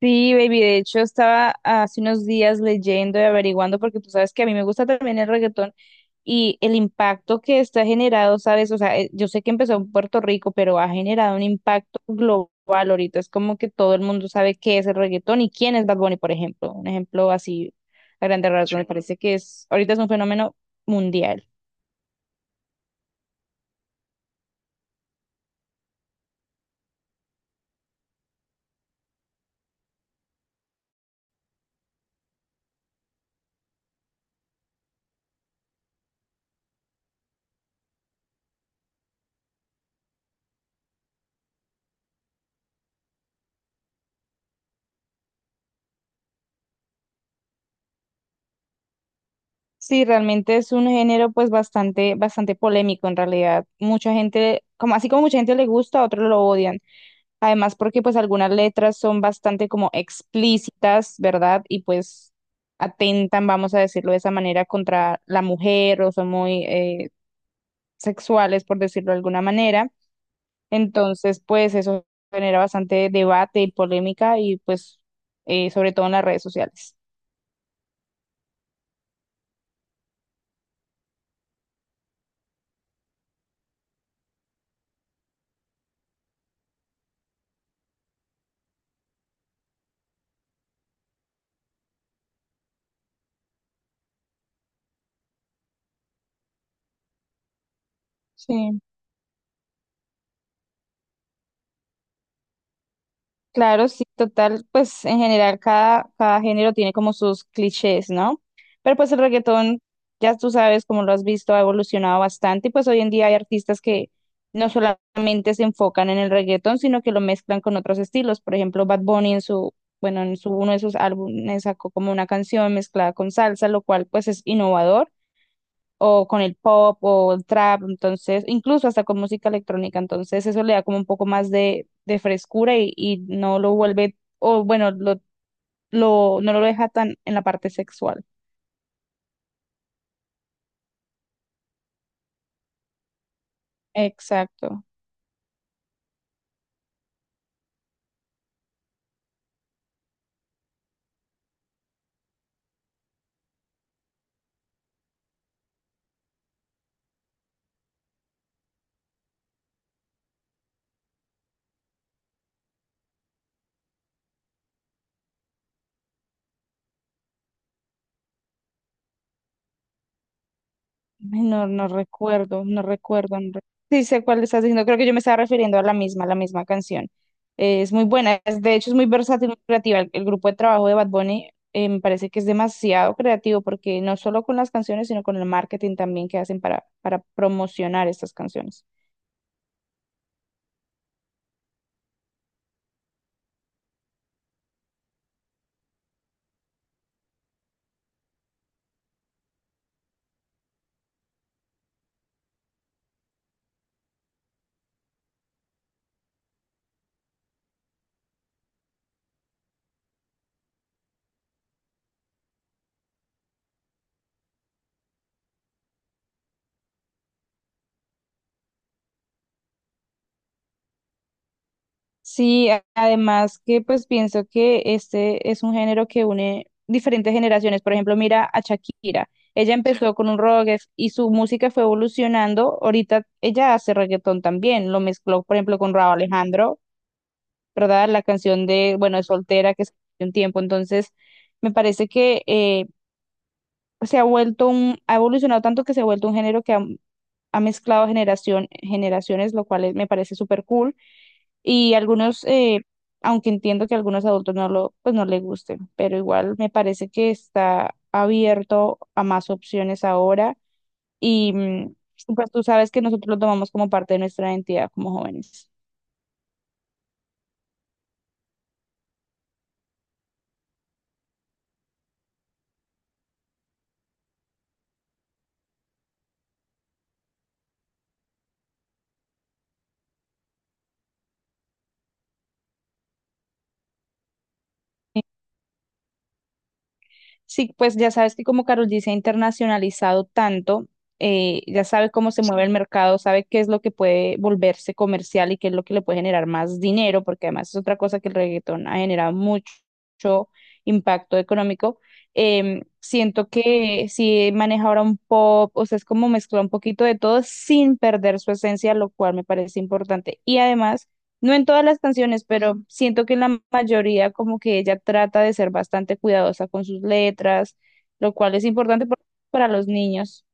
Sí, baby, de hecho estaba hace unos días leyendo y averiguando porque tú sabes que a mí me gusta también el reggaetón y el impacto que está generado, ¿sabes? O sea, yo sé que empezó en Puerto Rico, pero ha generado un impacto global ahorita. Es como que todo el mundo sabe qué es el reggaetón y quién es Bad Bunny, por ejemplo. Un ejemplo así a grandes rasgos. Me parece que ahorita es un fenómeno mundial. Sí, realmente es un género pues bastante, bastante polémico en realidad. Mucha gente, como así como mucha gente le gusta, a otros lo odian. Además, porque pues algunas letras son bastante como explícitas, ¿verdad? Y pues atentan, vamos a decirlo de esa manera, contra la mujer o son muy sexuales, por decirlo de alguna manera. Entonces, pues eso genera bastante debate y polémica y pues sobre todo en las redes sociales. Sí. Claro, sí, total, pues en general cada género tiene como sus clichés, ¿no? Pero pues el reggaetón, ya tú sabes, como lo has visto, ha evolucionado bastante y pues hoy en día hay artistas que no solamente se enfocan en el reggaetón, sino que lo mezclan con otros estilos. Por ejemplo, Bad Bunny en su, bueno, uno de sus álbumes sacó como una canción mezclada con salsa, lo cual pues es innovador o con el pop o el trap, entonces, incluso hasta con música electrónica, entonces eso le da como un poco más de frescura y no lo vuelve, o bueno, no lo deja tan en la parte sexual. Exacto. Ay, no, no recuerdo, no recuerdo. No re- Sí sé cuál estás diciendo, creo que yo me estaba refiriendo a la misma canción. Es muy buena, de hecho es muy versátil, muy creativa. El grupo de trabajo de Bad Bunny, me parece que es demasiado creativo porque no solo con las canciones, sino con el marketing también que hacen para promocionar estas canciones. Sí, además que pues pienso que este es un género que une diferentes generaciones. Por ejemplo, mira a Shakira. Ella empezó con un rock, y su música fue evolucionando. Ahorita ella hace reggaetón también. Lo mezcló, por ejemplo, con Rauw Alejandro, ¿verdad? La canción de, bueno, de Soltera que se hace un tiempo. Entonces, me parece que se ha vuelto ha evolucionado tanto que se ha vuelto un género que ha mezclado generaciones, lo cual me parece súper cool. Y algunos, aunque entiendo que a algunos adultos pues no les gusten, pero igual me parece que está abierto a más opciones ahora. Y pues tú sabes que nosotros lo tomamos como parte de nuestra identidad como jóvenes. Sí, pues ya sabes que como Carol G se ha internacionalizado tanto, ya sabe cómo se mueve el mercado, sabe qué es lo que puede volverse comercial y qué es lo que le puede generar más dinero, porque además es otra cosa que el reggaetón ha generado mucho, mucho impacto económico. Siento que si maneja ahora un pop, o sea, es como mezcla un poquito de todo sin perder su esencia, lo cual me parece importante. Y además no en todas las canciones, pero siento que en la mayoría como que ella trata de ser bastante cuidadosa con sus letras, lo cual es importante para los niños.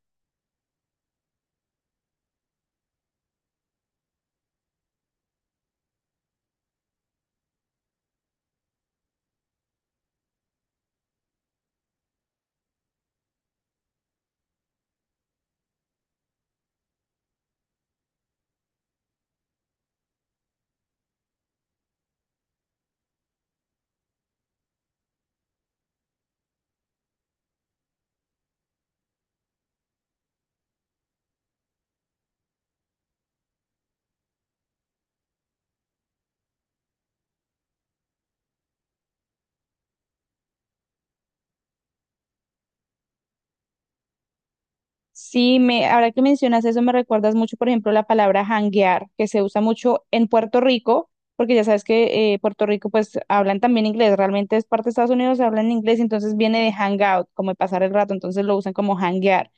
Sí, ahora que mencionas eso, me recuerdas mucho, por ejemplo, la palabra janguear, que se usa mucho en Puerto Rico, porque ya sabes que Puerto Rico pues hablan también inglés, realmente es parte de Estados Unidos, hablan inglés, entonces viene de hangout, como de pasar el rato, entonces lo usan como janguear.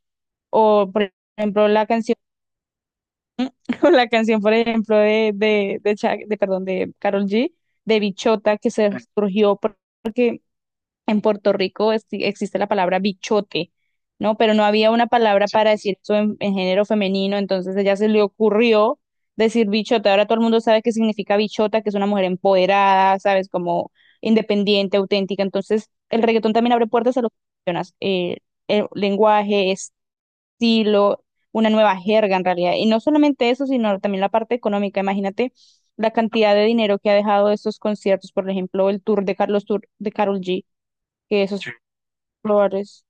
O, por ejemplo, la canción O la canción, por ejemplo, de, perdón, de Karol G, de Bichota, que se surgió porque en Puerto Rico existe la palabra bichote, ¿no? Pero no había una palabra, sí, para decir eso en género femenino, entonces ella se le ocurrió decir bichota. Ahora todo el mundo sabe qué significa bichota, que es una mujer empoderada, ¿sabes? Como independiente, auténtica. Entonces, el reggaetón también abre puertas a lo que mencionas, el lenguaje, estilo, una nueva jerga en realidad. Y no solamente eso, sino también la parte económica. Imagínate la cantidad de dinero que ha dejado estos conciertos, por ejemplo, el tour de Carlos Tour de Karol G, que esos, sí, flores,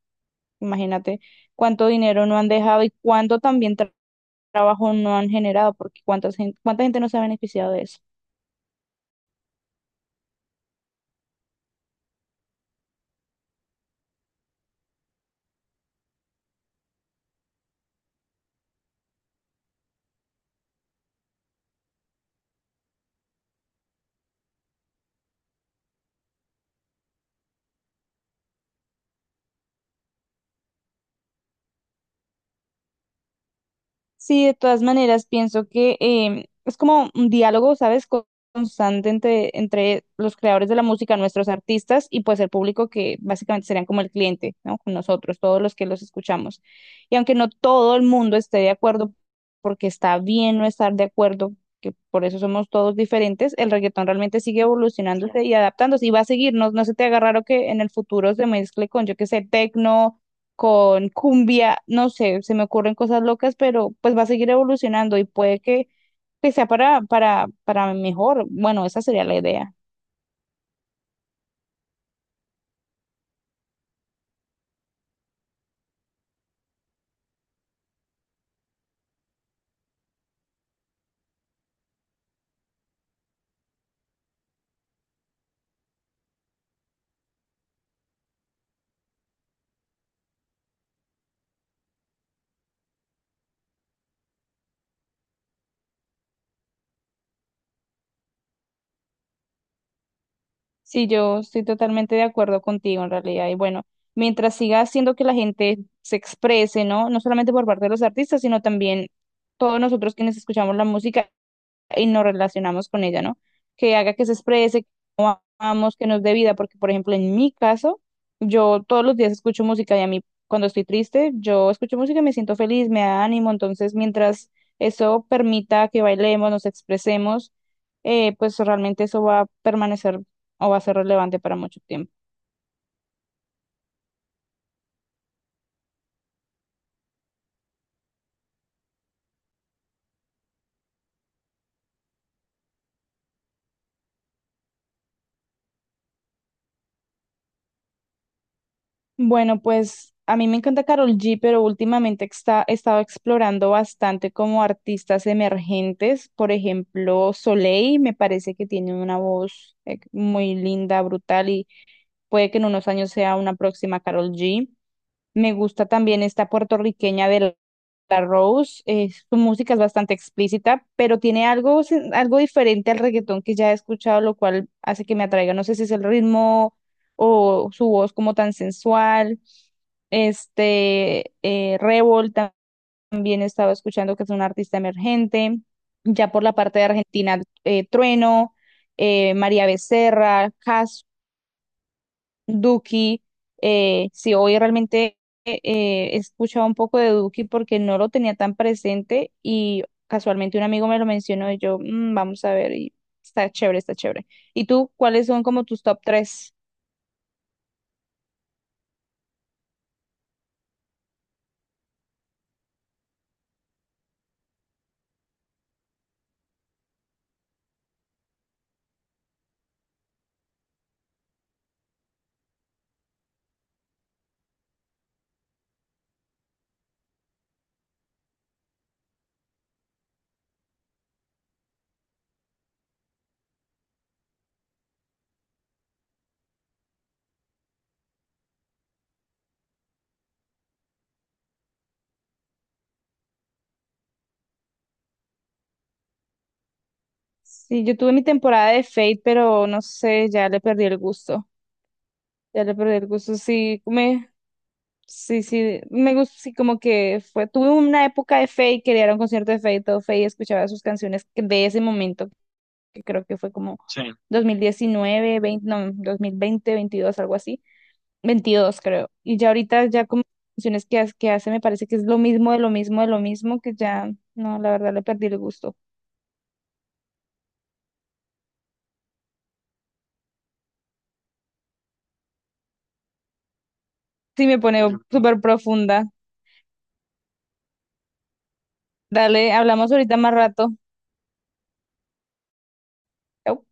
imagínate cuánto dinero no han dejado y cuánto también trabajo no han generado, porque cuánta gente no se ha beneficiado de eso. Sí, de todas maneras, pienso que es como un diálogo, ¿sabes? Constante entre los creadores de la música, nuestros artistas y pues el público que básicamente serían como el cliente, ¿no? Con nosotros, todos los que los escuchamos. Y aunque no todo el mundo esté de acuerdo, porque está bien no estar de acuerdo, que por eso somos todos diferentes, el reggaetón realmente sigue evolucionándose y adaptándose y va a seguir, no, no se te haga raro que en el futuro se mezcle con, yo qué sé, tecno con cumbia, no sé, se me ocurren cosas locas, pero pues va a seguir evolucionando y puede que sea para, para mejor. Bueno, esa sería la idea. Sí, yo estoy totalmente de acuerdo contigo en realidad. Y bueno, mientras siga haciendo que la gente se exprese, ¿no? No solamente por parte de los artistas, sino también todos nosotros quienes escuchamos la música y nos relacionamos con ella, ¿no? Que haga que se exprese, amamos que nos dé vida, porque por ejemplo en mi caso, yo todos los días escucho música y a mí cuando estoy triste, yo escucho música y me siento feliz, me da ánimo, entonces mientras eso permita que bailemos, nos expresemos, pues realmente eso va a permanecer o va a ser relevante para mucho tiempo. Bueno, pues a mí me encanta Karol G, pero últimamente he estado explorando bastante como artistas emergentes. Por ejemplo, Soleil me parece que tiene una voz muy linda, brutal y puede que en unos años sea una próxima Carol G. Me gusta también esta puertorriqueña de la Rose. Su música es bastante explícita, pero tiene algo, algo diferente al reggaetón que ya he escuchado, lo cual hace que me atraiga. No sé si es el ritmo o su voz como tan sensual. Este, Revol también estaba escuchando que es un artista emergente. Ya por la parte de Argentina, Trueno, María Becerra, Duki, sí, hoy realmente he escuchado un poco de Duki porque no lo tenía tan presente y casualmente un amigo me lo mencionó y yo, "Mm, vamos a ver", y está chévere, está chévere. ¿Y tú, cuáles son como tus top tres? Sí, yo tuve mi temporada de Fate, pero no sé, ya le perdí el gusto, ya le perdí el gusto, sí, me... Sí, sí, me gusta, sí, como que fue, tuve una época de Fate, quería ir a un concierto de Fate, todo Fate, escuchaba sus canciones de ese momento, que creo que fue como 2019 20 no, 2020 22 algo así. 22 creo. Y ya ahorita, ya como canciones que hace, me parece que es lo mismo, de lo mismo, de lo mismo, que ya, no, la verdad le perdí el gusto. Sí, me pone súper profunda. Dale, hablamos ahorita más rato. Chau.